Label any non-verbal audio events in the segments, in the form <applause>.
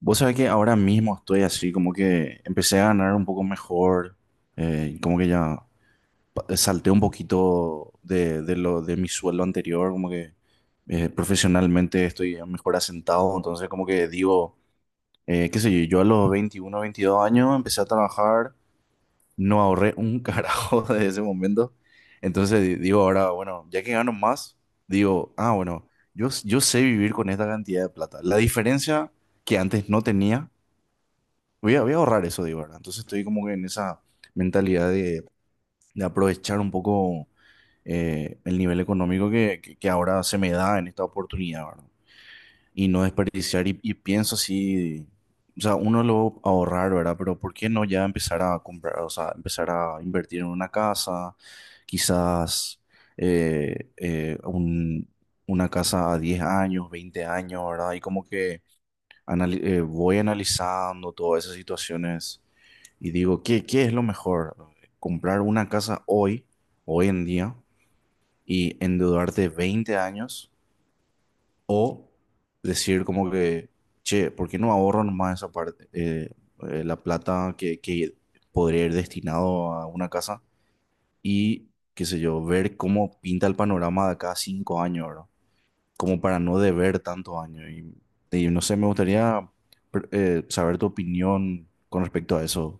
Vos sabés que ahora mismo estoy así, como que empecé a ganar un poco mejor, como que ya salté un poquito de lo, de mi sueldo anterior, como que profesionalmente estoy mejor asentado, entonces como que digo, qué sé yo, yo a los 21, 22 años empecé a trabajar, no ahorré un <laughs> carajo desde ese momento. Entonces digo ahora, bueno, ya que gano más, digo, ah, bueno, yo sé vivir con esta cantidad de plata. La diferencia que antes no tenía. Voy a ahorrar eso, digo, ¿verdad? Entonces estoy como que en esa mentalidad de aprovechar un poco el nivel económico que ahora se me da en esta oportunidad, ¿verdad? Y no desperdiciar y pienso así, o sea, uno lo va a ahorrar, ¿verdad? Pero ¿por qué no ya empezar a comprar, o sea, empezar a invertir en una casa, quizás eh, eh, un- una casa a 10 años, 20 años? ¿Verdad? Y como que voy analizando todas esas situaciones y digo, ¿qué es lo mejor? ¿Comprar una casa hoy, hoy en día, y endeudarte 20 años? ¿O decir como que, che, por qué no ahorro nomás esa parte? La plata que podría ir destinado a una casa y, qué sé yo, ver cómo pinta el panorama de acá a 5 años, ¿verdad? Como para no deber tantos años. Y no sé, me gustaría saber tu opinión con respecto a eso.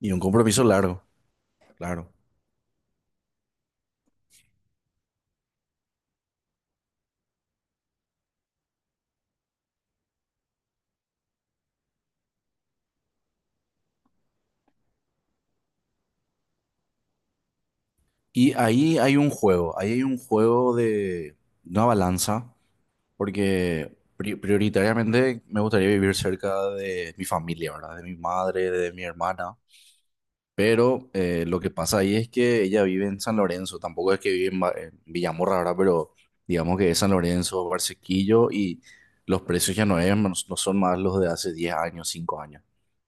Y un compromiso largo, claro. Y ahí hay un juego, ahí hay un juego de una balanza, porque prioritariamente me gustaría vivir cerca de mi familia, ¿verdad? De mi madre, de mi hermana. Pero lo que pasa ahí es que ella vive en San Lorenzo, tampoco es que vive en Villamorra ahora, pero digamos que es San Lorenzo, Barsequillo. Y los precios ya no, no, no son más los de hace 10 años, 5 años.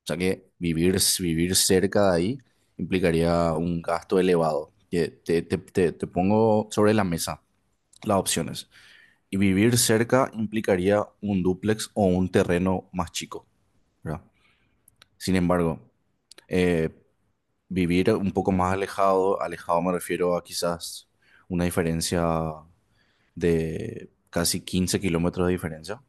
O sea que vivir, vivir cerca de ahí implicaría un gasto elevado. Que te pongo sobre la mesa las opciones. Y vivir cerca implicaría un dúplex o un terreno más chico, ¿verdad? Sin embargo, eh, vivir un poco más alejado, alejado me refiero a quizás una diferencia de casi 15 kilómetros de diferencia,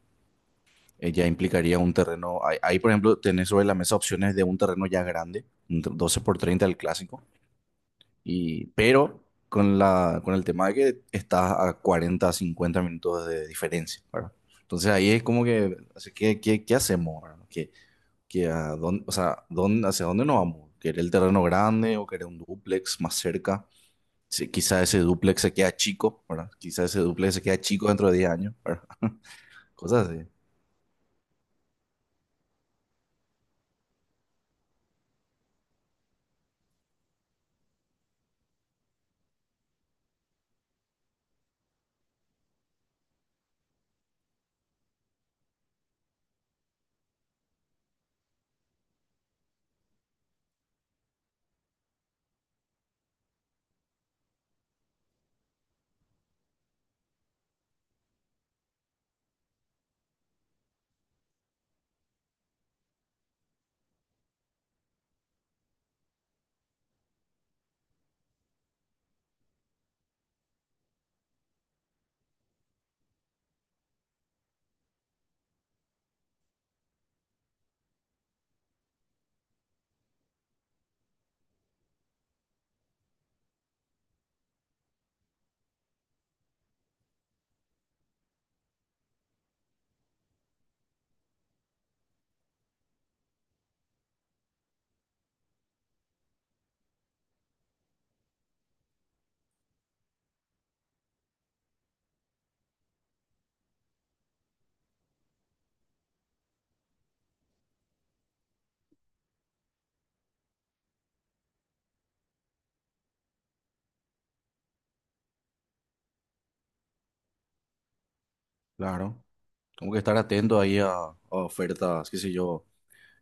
ya implicaría un terreno, ahí, por ejemplo tenés sobre la mesa opciones de un terreno ya grande, 12 por 30 el clásico. Y, pero con la, con el tema de que estás a 40, 50 minutos de diferencia, ¿verdad? Entonces ahí es como que, así que, ¿qué hacemos? ¿Verdad? ¿Qué, que a dónde, o sea, dónde, hacia dónde nos vamos? ¿Querer el terreno grande o querer un dúplex más cerca? Sí, quizá ese dúplex se queda chico, ¿verdad? Quizá ese dúplex se queda chico dentro de 10 años, ¿verdad? <laughs> Cosas así. Claro. Como que estar atento ahí a ofertas, qué sé yo,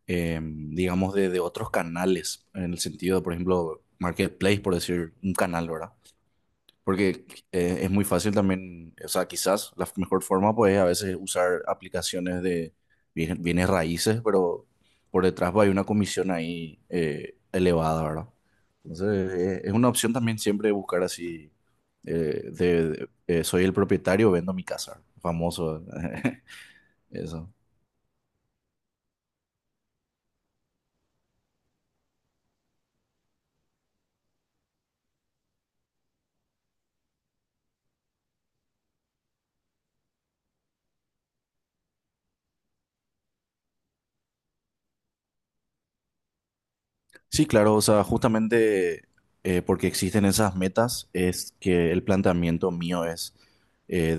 digamos de otros canales, en el sentido de, por ejemplo, Marketplace, por decir un canal, ¿verdad? Porque es muy fácil también, o sea, quizás la mejor forma pues a veces usar aplicaciones de bienes, bienes raíces. Pero por detrás va, hay una comisión ahí elevada, ¿verdad? Entonces es una opción también siempre buscar así, soy el propietario, vendo mi casa, famoso, <laughs> eso. Sí, claro, o sea, justamente, porque existen esas metas es que el planteamiento mío es, eh,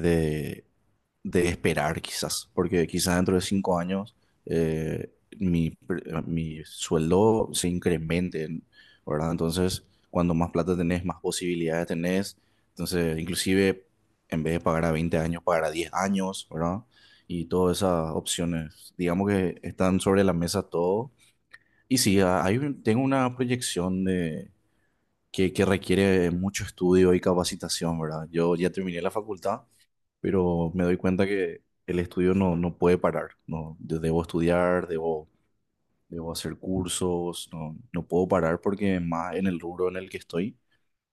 de esperar quizás, porque quizás dentro de 5 años eh, mi sueldo se incremente, ¿verdad? Entonces, cuando más plata tenés, más posibilidades tenés. Entonces, inclusive, en vez de pagar a 20 años, pagar a 10 años, ¿verdad? Y todas esas opciones, digamos que están sobre la mesa todo. Y sí, tengo una proyección de que requiere mucho estudio y capacitación, ¿verdad? Yo ya terminé la facultad, pero me doy cuenta que el estudio no, no puede parar, no, yo debo estudiar, debo hacer cursos, no, no puedo parar, porque más en el rubro en el que estoy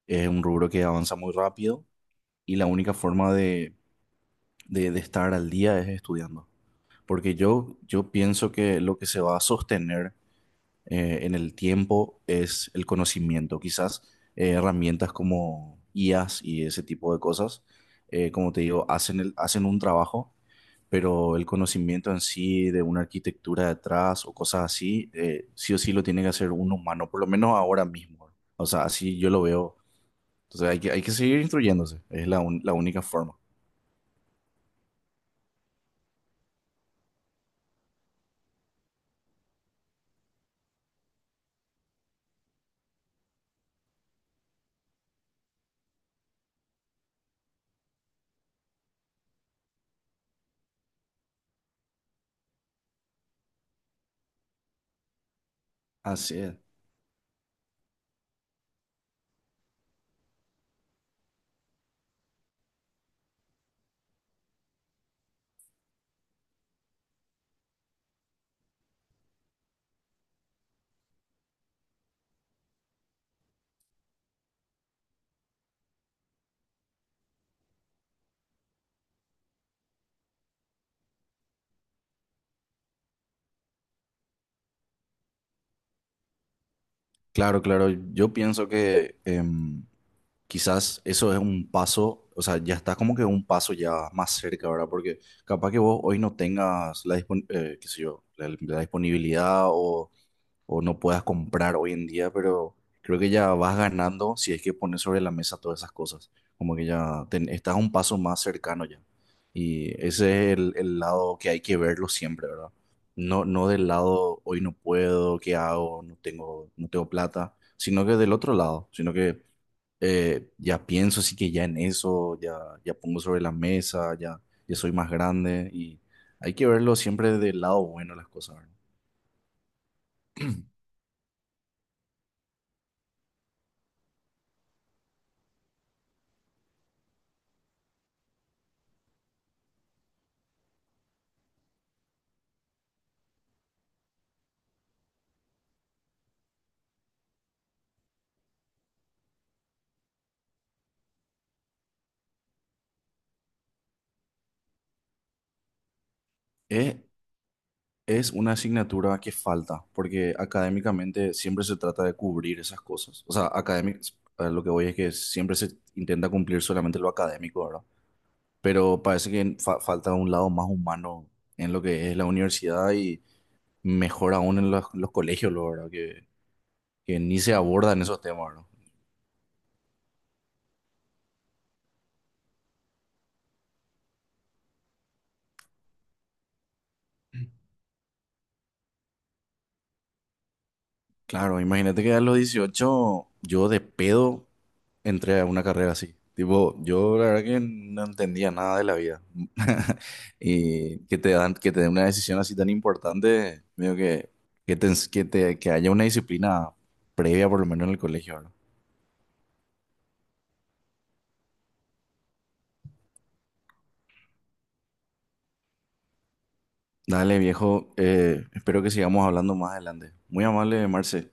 es un rubro que avanza muy rápido. Y la única forma de estar al día es estudiando, porque yo pienso que lo que se va a sostener en el tiempo es el conocimiento. Quizás herramientas como IAs y ese tipo de cosas, como te digo, hacen un trabajo. Pero el conocimiento en sí de una arquitectura detrás o cosas así, sí o sí lo tiene que hacer un humano, por lo menos ahora mismo. O sea, así yo lo veo. Entonces hay que seguir instruyéndose, es la única forma. Así es. Claro, claro, yo pienso que quizás eso es un paso, o sea, ya estás como que un paso ya más cerca, ¿verdad? Porque capaz que vos hoy no tengas qué sé yo, la disponibilidad o no puedas comprar hoy en día. Pero creo que ya vas ganando si es que pones sobre la mesa todas esas cosas, como que estás un paso más cercano ya. Y ese es el lado que hay que verlo siempre, ¿verdad? No, no del lado, hoy no puedo, ¿qué hago? No tengo, no tengo plata, sino que del otro lado, sino que ya pienso así que ya en eso, ya, ya pongo sobre la mesa, ya, ya soy más grande y hay que verlo siempre del lado bueno de las cosas, ¿verdad? Es, es una asignatura que falta, porque académicamente siempre se trata de cubrir esas cosas. O sea, a lo que voy es que siempre se intenta cumplir solamente lo académico, ¿verdad? Pero parece que falta un lado más humano en lo que es la universidad, y mejor aún en los colegios, lo ¿verdad? Que ni se abordan esos temas, ¿verdad? Claro, imagínate que a los 18 yo de pedo entré a una carrera así. Tipo, yo la verdad que no entendía nada de la vida. <laughs> Y que te dan, que te den una decisión así tan importante, medio que, te ens- que, te- que haya una disciplina previa por lo menos en el colegio, ¿verdad? Dale, viejo, espero que sigamos hablando más adelante. Muy amable, Marce.